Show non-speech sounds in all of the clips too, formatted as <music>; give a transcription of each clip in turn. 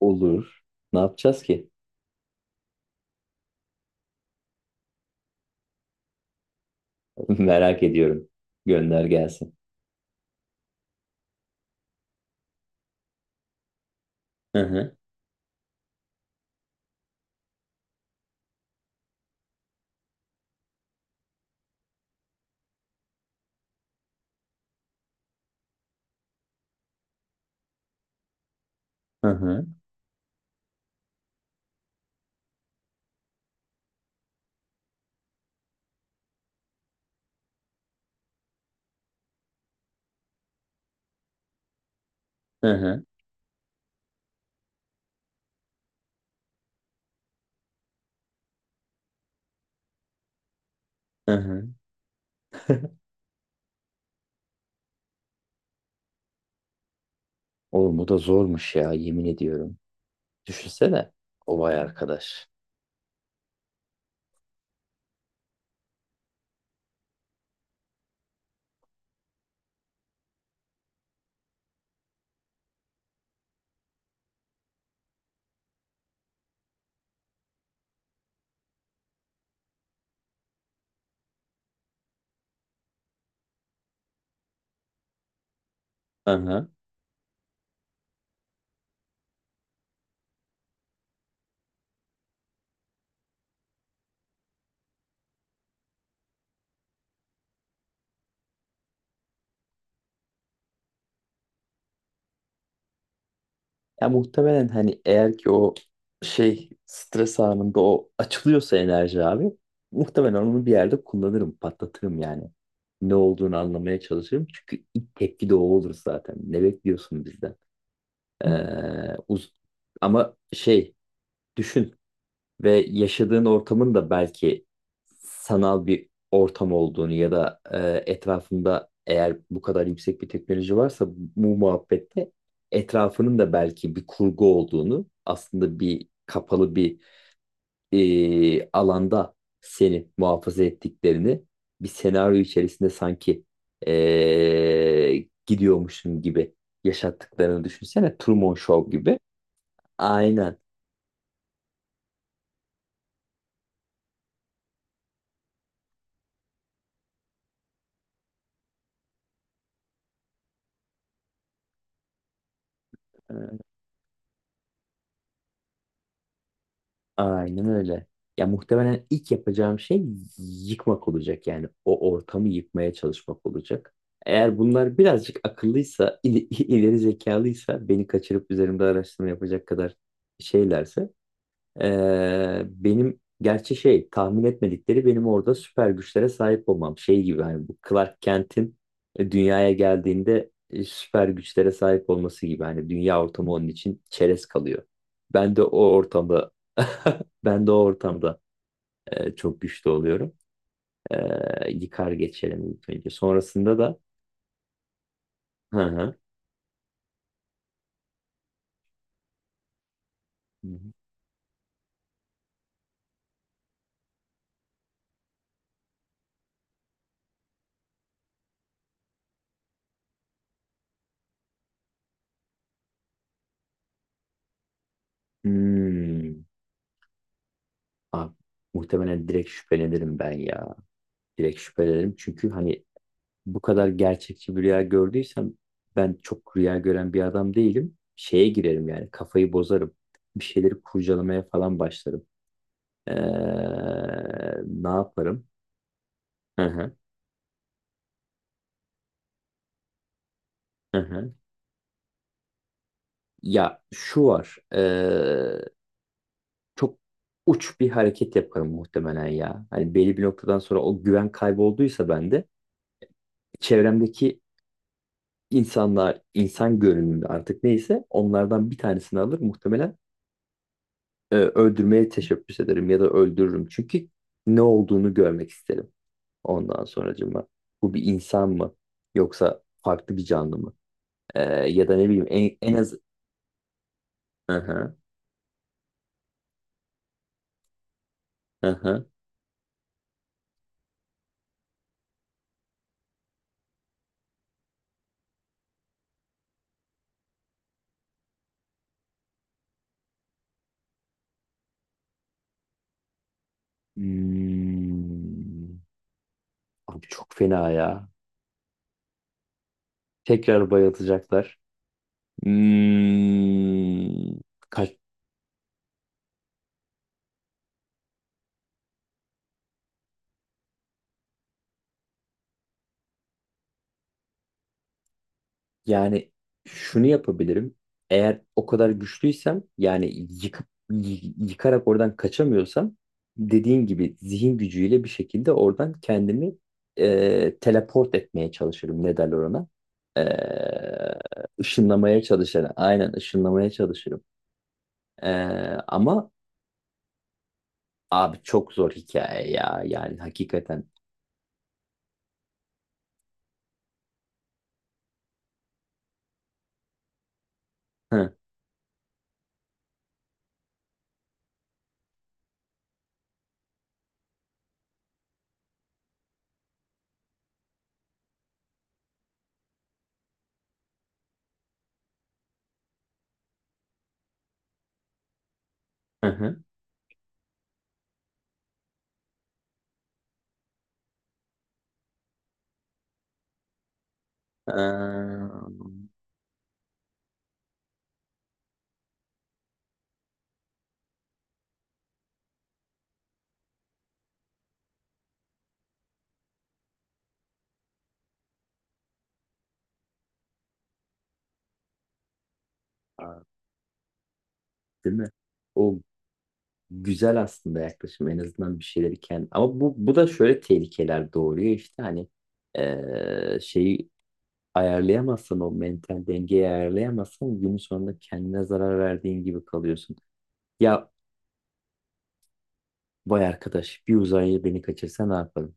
Olur. Ne yapacağız ki? <laughs> Merak ediyorum. Gönder gelsin. Hı hı. Hı hı. Hı hı. Hı hı. <laughs> Oğlum bu da zormuş ya yemin ediyorum. Düşünsene o vay arkadaş. Hı hı. Ya muhtemelen hani eğer ki o şey stres anında o açılıyorsa enerji abi muhtemelen onu bir yerde kullanırım, patlatırım yani. Ne olduğunu anlamaya çalışırım. Çünkü ilk tepki de o olur zaten. Ne bekliyorsun bizden? Ee, uz- ama şey düşün. Ve yaşadığın ortamın da belki sanal bir ortam olduğunu ya da etrafında eğer bu kadar yüksek bir teknoloji varsa bu muhabbette etrafının da belki bir kurgu olduğunu aslında bir kapalı bir alanda seni muhafaza ettiklerini bir senaryo içerisinde sanki gidiyormuşsun gibi yaşattıklarını düşünsene Truman Show gibi. Aynen. Aynen öyle. Ya muhtemelen ilk yapacağım şey yıkmak olacak yani o ortamı yıkmaya çalışmak olacak. Eğer bunlar birazcık akıllıysa, <laughs> ileri zekalıysa beni kaçırıp üzerimde araştırma yapacak kadar şeylerse benim gerçi şey tahmin etmedikleri benim orada süper güçlere sahip olmam. Şey gibi hani bu Clark Kent'in dünyaya geldiğinde süper güçlere sahip olması gibi hani dünya ortamı onun için çerez kalıyor. Ben de o ortamda <laughs> ben de o ortamda çok güçlü oluyorum. Yıkar geçerim ilk önce. Sonrasında da hı hı. Hmm. Abi, muhtemelen direkt şüphelenirim ben ya. Direkt şüphelenirim çünkü hani bu kadar gerçekçi bir rüya gördüysem ben çok rüya gören bir adam değilim. Şeye girerim yani kafayı bozarım. Bir şeyleri kurcalamaya falan başlarım. Ee, ne yaparım? Hı hı, hı hı. Ya şu var. Çok uç bir hareket yaparım muhtemelen ya. Hani belli bir noktadan sonra o güven kaybolduysa bende çevremdeki insanlar, insan görünümü artık neyse onlardan bir tanesini alır muhtemelen öldürmeye teşebbüs ederim ya da öldürürüm. Çünkü ne olduğunu görmek isterim ondan sonracığıma. Bu bir insan mı yoksa farklı bir canlı mı? E, ya da ne bileyim en az... Aha, aha. Hmm. Abi çok fena ya. Tekrar bayıltacaklar. Hmm. Kaç, yani şunu yapabilirim. Eğer o kadar güçlüysem yani yıkıp yıkarak oradan kaçamıyorsam dediğin gibi zihin gücüyle bir şekilde oradan kendimi teleport etmeye çalışırım. Ne derler ona? E, ışınlamaya çalışırım. Aynen ışınlamaya çalışırım. E, ama abi çok zor hikaye ya. Yani hakikaten. Hı hı. Hı. Ee, değil mi? O güzel aslında yaklaşım en azından bir şeyleri kendi ama bu da şöyle tehlikeler doğuruyor işte hani şeyi ayarlayamazsan o mental dengeyi ayarlayamazsan günün sonunda kendine zarar verdiğin gibi kalıyorsun. Ya vay arkadaş bir uzaylı beni kaçırsa ne yaparım?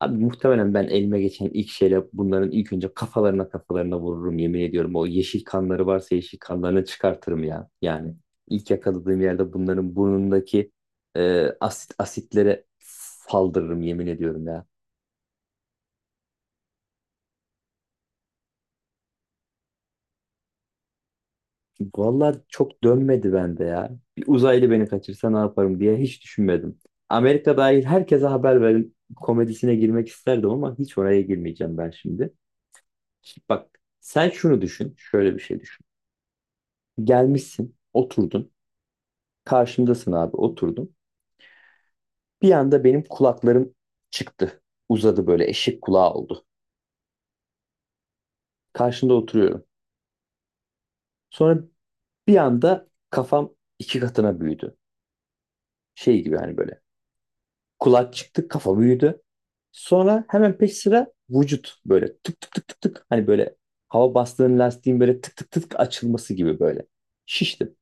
Abi muhtemelen ben elime geçen ilk şeyle bunların ilk önce kafalarına kafalarına vururum yemin ediyorum. O yeşil kanları varsa yeşil kanlarını çıkartırım ya. Yani ilk yakaladığım yerde bunların burnundaki asit asitlere saldırırım yemin ediyorum ya. Vallahi çok dönmedi bende ya. Bir uzaylı beni kaçırsa ne yaparım diye hiç düşünmedim. Amerika dahil herkese haber verin komedisine girmek isterdim ama hiç oraya girmeyeceğim ben şimdi. Bak sen şunu düşün, şöyle bir şey düşün. Gelmişsin, oturdun. Karşımdasın abi, oturdum. Bir anda benim kulaklarım çıktı. Uzadı böyle eşek kulağı oldu. Karşında oturuyorum. Sonra bir anda kafam iki katına büyüdü. Şey gibi hani böyle. Kulak çıktı, kafa büyüdü. Sonra hemen peş sıra vücut böyle tık tık tık tık tık. Hani böyle hava bastığın lastiğin böyle tık tık tık açılması gibi böyle. Şiştim.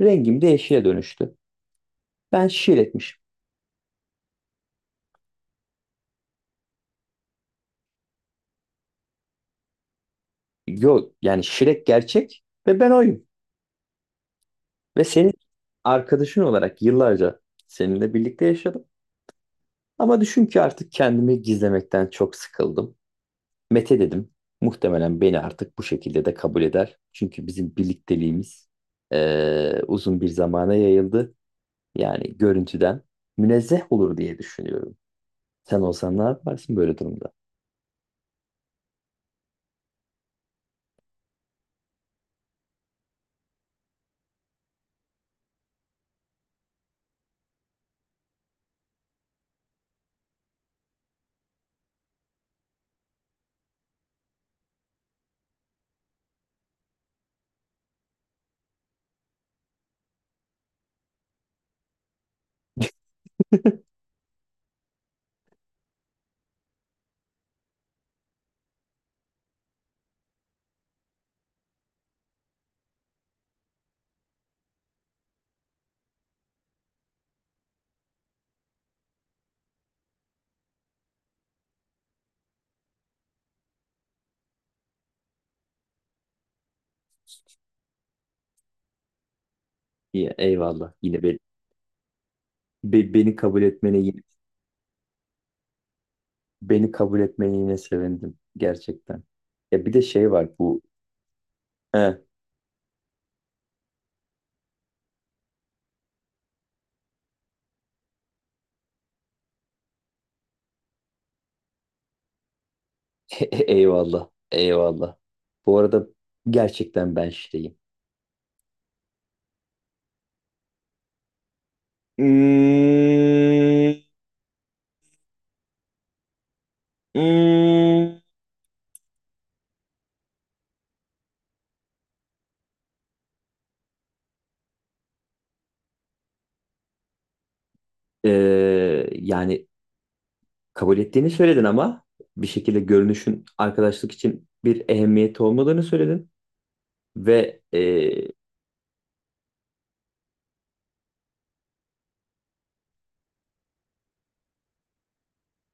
Rengim de yeşile dönüştü. Ben şiir etmişim. Yok yani şirek gerçek ve ben oyum. Ve senin arkadaşın olarak yıllarca seninle birlikte yaşadım. Ama düşün ki artık kendimi gizlemekten çok sıkıldım. Mete dedim. Muhtemelen beni artık bu şekilde de kabul eder. Çünkü bizim birlikteliğimiz uzun bir zamana yayıldı. Yani görüntüden münezzeh olur diye düşünüyorum. Sen olsan ne yaparsın böyle durumda? <laughs> İyi, eyvallah. Yine beni kabul etmene yine sevindim gerçekten. Ya bir de şey var bu. He, <laughs> eyvallah. Eyvallah. Bu arada gerçekten ben şeyim. Hmm, hmm. Ee, yani kabul ettiğini söyledin ama bir şekilde görünüşün arkadaşlık için bir ehemmiyeti olmadığını söyledin ve